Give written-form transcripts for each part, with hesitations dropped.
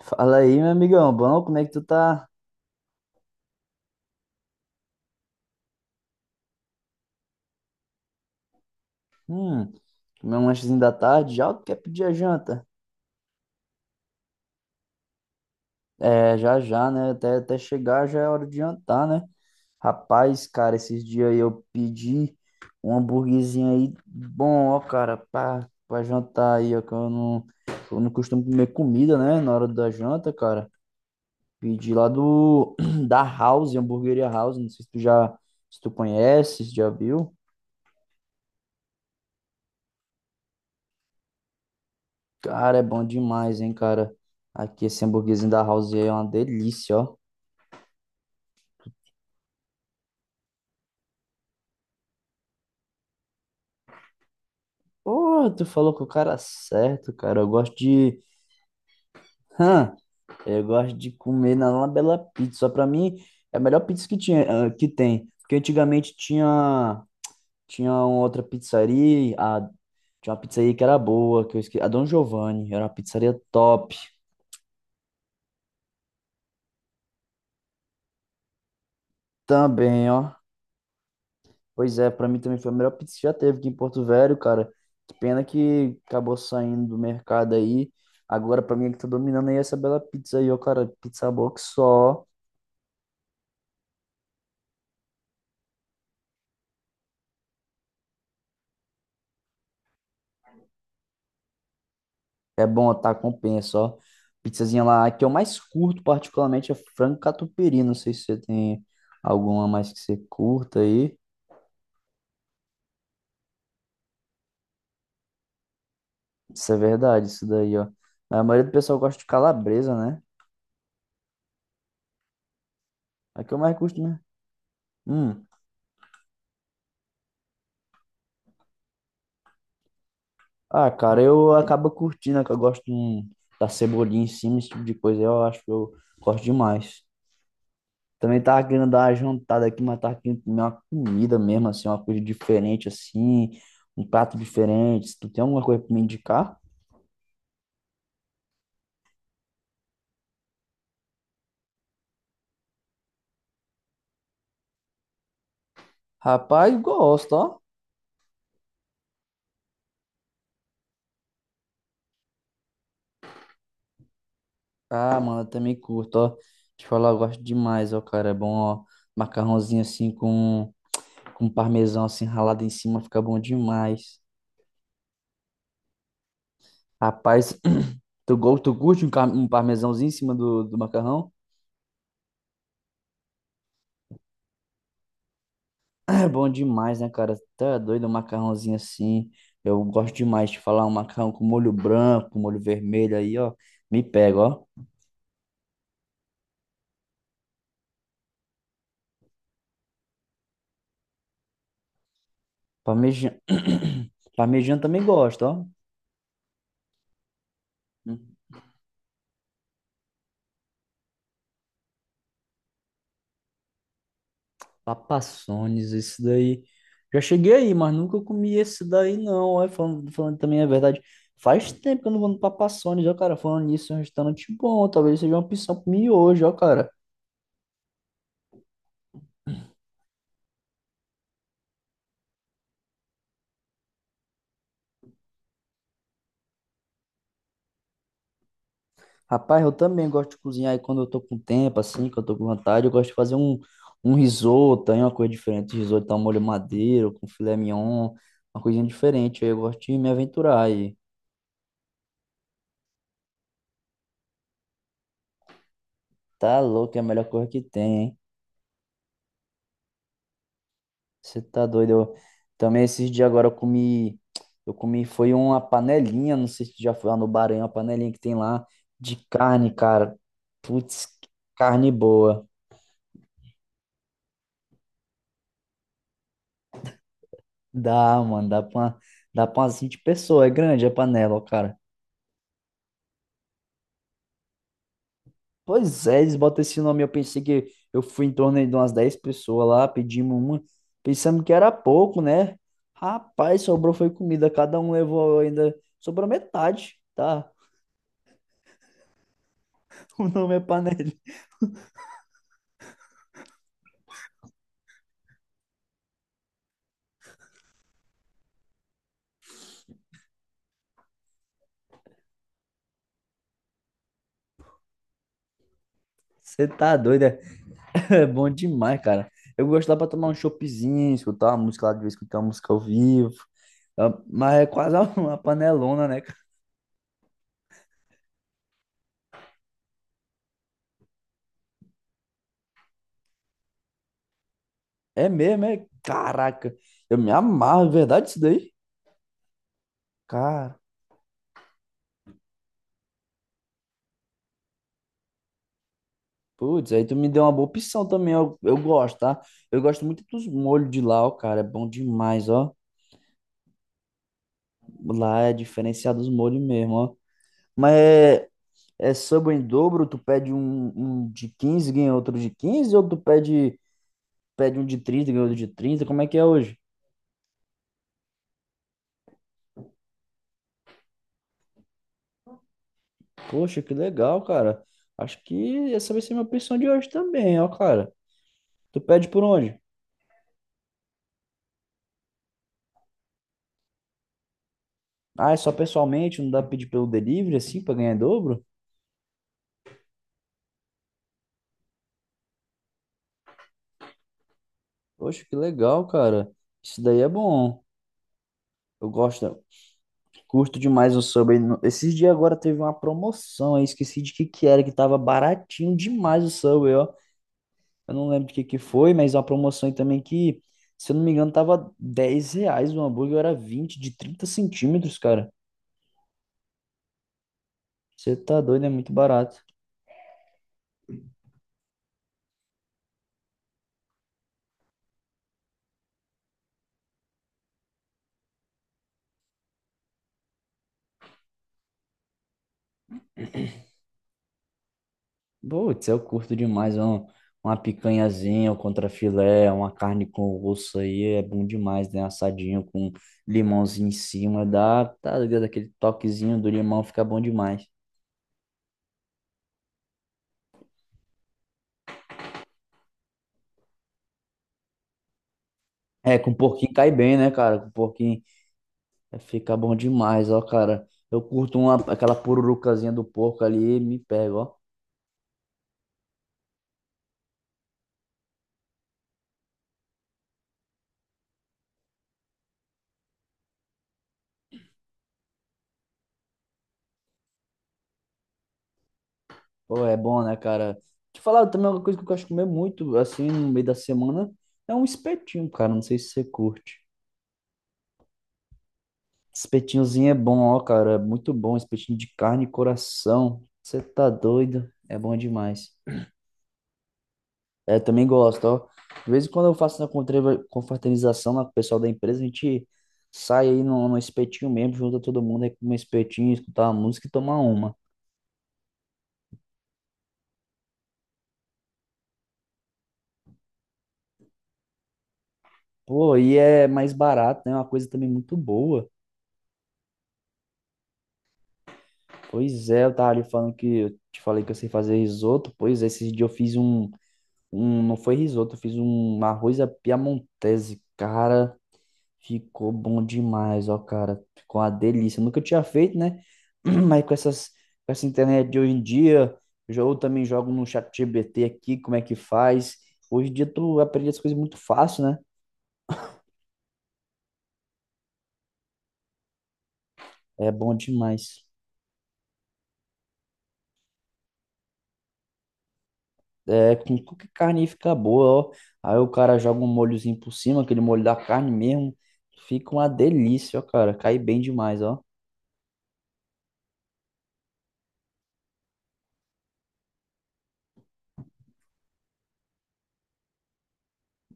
Fala aí, meu amigão, bom? Como é que tu tá? Hum, comer um lanchezinho da tarde, já ou tu quer pedir a janta? É, já já, né? Até chegar já é hora de jantar, né? Rapaz, cara, esses dias aí eu pedi um hambúrguerzinho aí bom, ó, cara, pra jantar aí, ó, que eu não costumo comer comida, né? Na hora da janta, cara. Pedi lá da House, Hamburgueria House, não sei se tu conhece, se já viu. Cara, é bom demais, hein, cara. Aqui esse hamburguesinho da House é uma delícia, ó. Pô, tu falou com o cara é certo, cara. Eu gosto de. Hã? Eu gosto de comer na La Bella Pizza. Pra mim, é a melhor pizza que tinha, ah, que tem. Porque antigamente tinha uma outra pizzaria. Tinha uma pizzaria que era boa, que eu esqueci. A Dom Giovanni. Era uma pizzaria top. Também, ó. Pois é, pra mim também foi a melhor pizza que já teve aqui em Porto Velho, cara. Que pena que acabou saindo do mercado aí. Agora, pra mim, é que tá dominando aí essa Bela Pizza aí, ó, cara. Pizza boa que só. É bom, tá? Compensa, ó. Pizzazinha lá, a que eu mais curto, particularmente, é frango catupiry. Não sei se você tem alguma mais que você curta aí. Isso é verdade, isso daí, ó. A maioria do pessoal gosta de calabresa, né? A que eu mais curto, né? Hum. Ah, cara, eu acabo curtindo, né, que eu gosto da cebolinha em cima, esse tipo de coisa. Eu acho que eu gosto demais. Também tava querendo dar uma jantada aqui, mas tava querendo comer uma comida mesmo, assim, uma coisa diferente, assim, um prato diferente. Se tu tem alguma coisa pra me indicar? Rapaz, gosto, ó. Ah, mano, eu também curto, ó. Te falar, eu gosto demais, ó, cara. É bom, ó. Macarrãozinho assim com parmesão assim ralado em cima, fica bom demais. Rapaz, tu curte um parmesãozinho em cima do macarrão? É bom demais, né, cara? Tá doido um macarrãozinho assim. Eu gosto demais de falar um macarrão com molho branco, molho vermelho aí, ó. Me pega, ó. Parmegiana. Parmegiana também gosto, ó. Hum, Papassones, isso daí. Já cheguei aí, mas nunca comi esse daí, não. Ó, falando, falando também é verdade. Faz tempo que eu não vou no Papassones, ó, cara. Falando nisso, é um restaurante bom. Talvez seja uma opção pra mim hoje, ó, cara. Rapaz, eu também gosto de cozinhar e quando eu tô com tempo, assim, que eu tô com vontade, eu gosto de fazer um risoto, aí uma coisa diferente, um risoto ao molho madeiro, com filé mignon, uma coisinha diferente, aí eu gosto de me aventurar aí. Tá louco, é a melhor coisa que tem, hein? Você tá doido? Eu... Também esses dias agora eu comi, foi uma panelinha, não sei se tu já foi lá no Bahrein, uma panelinha que tem lá de carne, cara. Putz, que carne boa. Dá, mano, dá pra umas 20 pessoas, é grande a panela, ó, cara. Pois é, eles botam esse nome. Eu pensei que eu fui em torno de umas 10 pessoas lá, pedimos uma, pensando que era pouco, né? Rapaz, sobrou foi comida, cada um levou ainda, sobrou metade, tá? O nome é panela. Você tá doido, é? É bom demais, cara. Eu gosto lá pra tomar um choppzinho, escutar uma música lá de vez, escutar uma música ao vivo. Ah, mas é quase uma panelona, né, cara? É mesmo, é? Caraca, eu me amarro, é verdade isso daí? Cara. Putz, aí tu me deu uma boa opção também, eu gosto, tá? Eu gosto muito dos molhos de lá, ó, cara, é bom demais, ó. Lá é diferenciado os molhos mesmo, ó. Mas é, é samba em dobro, tu pede um de 15 ganha outro de 15 ou tu pede um de 30 ganha outro de 30, como é que é hoje? Poxa, que legal, cara. Acho que essa vai ser minha opção de hoje também, ó, cara. Tu pede por onde? Ah, é só pessoalmente, não dá pra pedir pelo delivery, assim, pra ganhar em dobro? Poxa, que legal, cara. Isso daí é bom. Eu gosto, curto demais o Subway. No- Esses dias agora teve uma promoção, aí esqueci de que era, que tava baratinho demais o Subway, ó. Eu não lembro de que foi, mas é uma promoção aí também que, se eu não me engano, tava R$ 10 o hambúrguer, era 20 de 30 centímetros, cara. Você tá doido, é muito barato. Putz, eu curto demais, ó. Uma picanhazinha, um contrafilé, uma carne com osso aí, é bom demais, né? Assadinho com limãozinho em cima, dá, tá ligado? Aquele toquezinho do limão fica bom demais. É, com porquinho cai bem, né, cara? Com porquinho fica bom demais, ó, cara. Eu curto uma, aquela pururucazinha do porco ali e me pego, ó. Pô, é bom, né, cara? Te falar também uma coisa que eu gosto de comer muito, assim, no meio da semana, é um espetinho, cara. Não sei se você curte. Espetinhozinho é bom, ó, cara. É muito bom. Espetinho de carne e coração. Você tá doido? É bom demais. É, também gosto, ó. De vez em quando eu faço na contreva- confraternização lá com o pessoal da empresa, a gente sai aí num, num espetinho mesmo, junta todo mundo aí com um espetinho, escutar uma música e tomar uma. Pô, e é mais barato, né? É uma coisa também muito boa. Pois é, eu tava ali falando que eu te falei que eu sei fazer risoto. Pois é, esses dias eu fiz um, um, não foi risoto, eu fiz um arroz à piamontese. Cara, ficou bom demais, ó, cara. Ficou uma delícia. Nunca tinha feito, né? Mas com com essa internet de hoje em dia, eu também jogo no chat GBT aqui, como é que faz. Hoje em dia tu aprende as coisas muito fácil, né? É bom demais. É, com qualquer carne fica boa, ó. Aí o cara joga um molhozinho por cima, aquele molho da carne mesmo. Fica uma delícia, ó, cara. Cai bem demais, ó.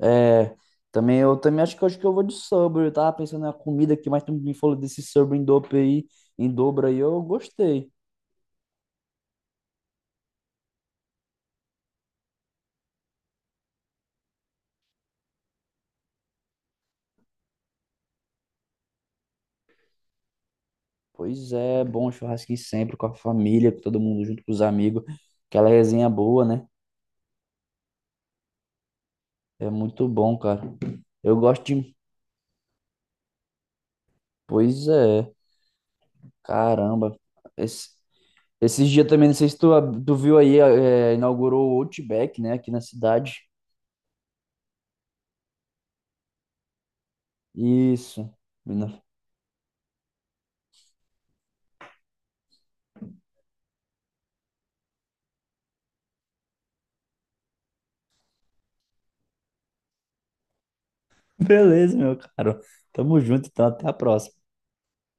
É, também eu também acho que eu vou de sobre. Eu tava pensando na comida aqui, mas tu me falou desse sobre em dobro aí, eu gostei. Pois é, bom churrasquinho sempre com a família, com todo mundo junto com os amigos. Aquela resenha boa, né? É muito bom, cara. Eu gosto de. Pois é, caramba. Esse- esses dias também, não sei se tu viu aí, é, inaugurou o Outback, né, aqui na cidade. Isso. Beleza, meu caro. Tamo junto, então até a próxima.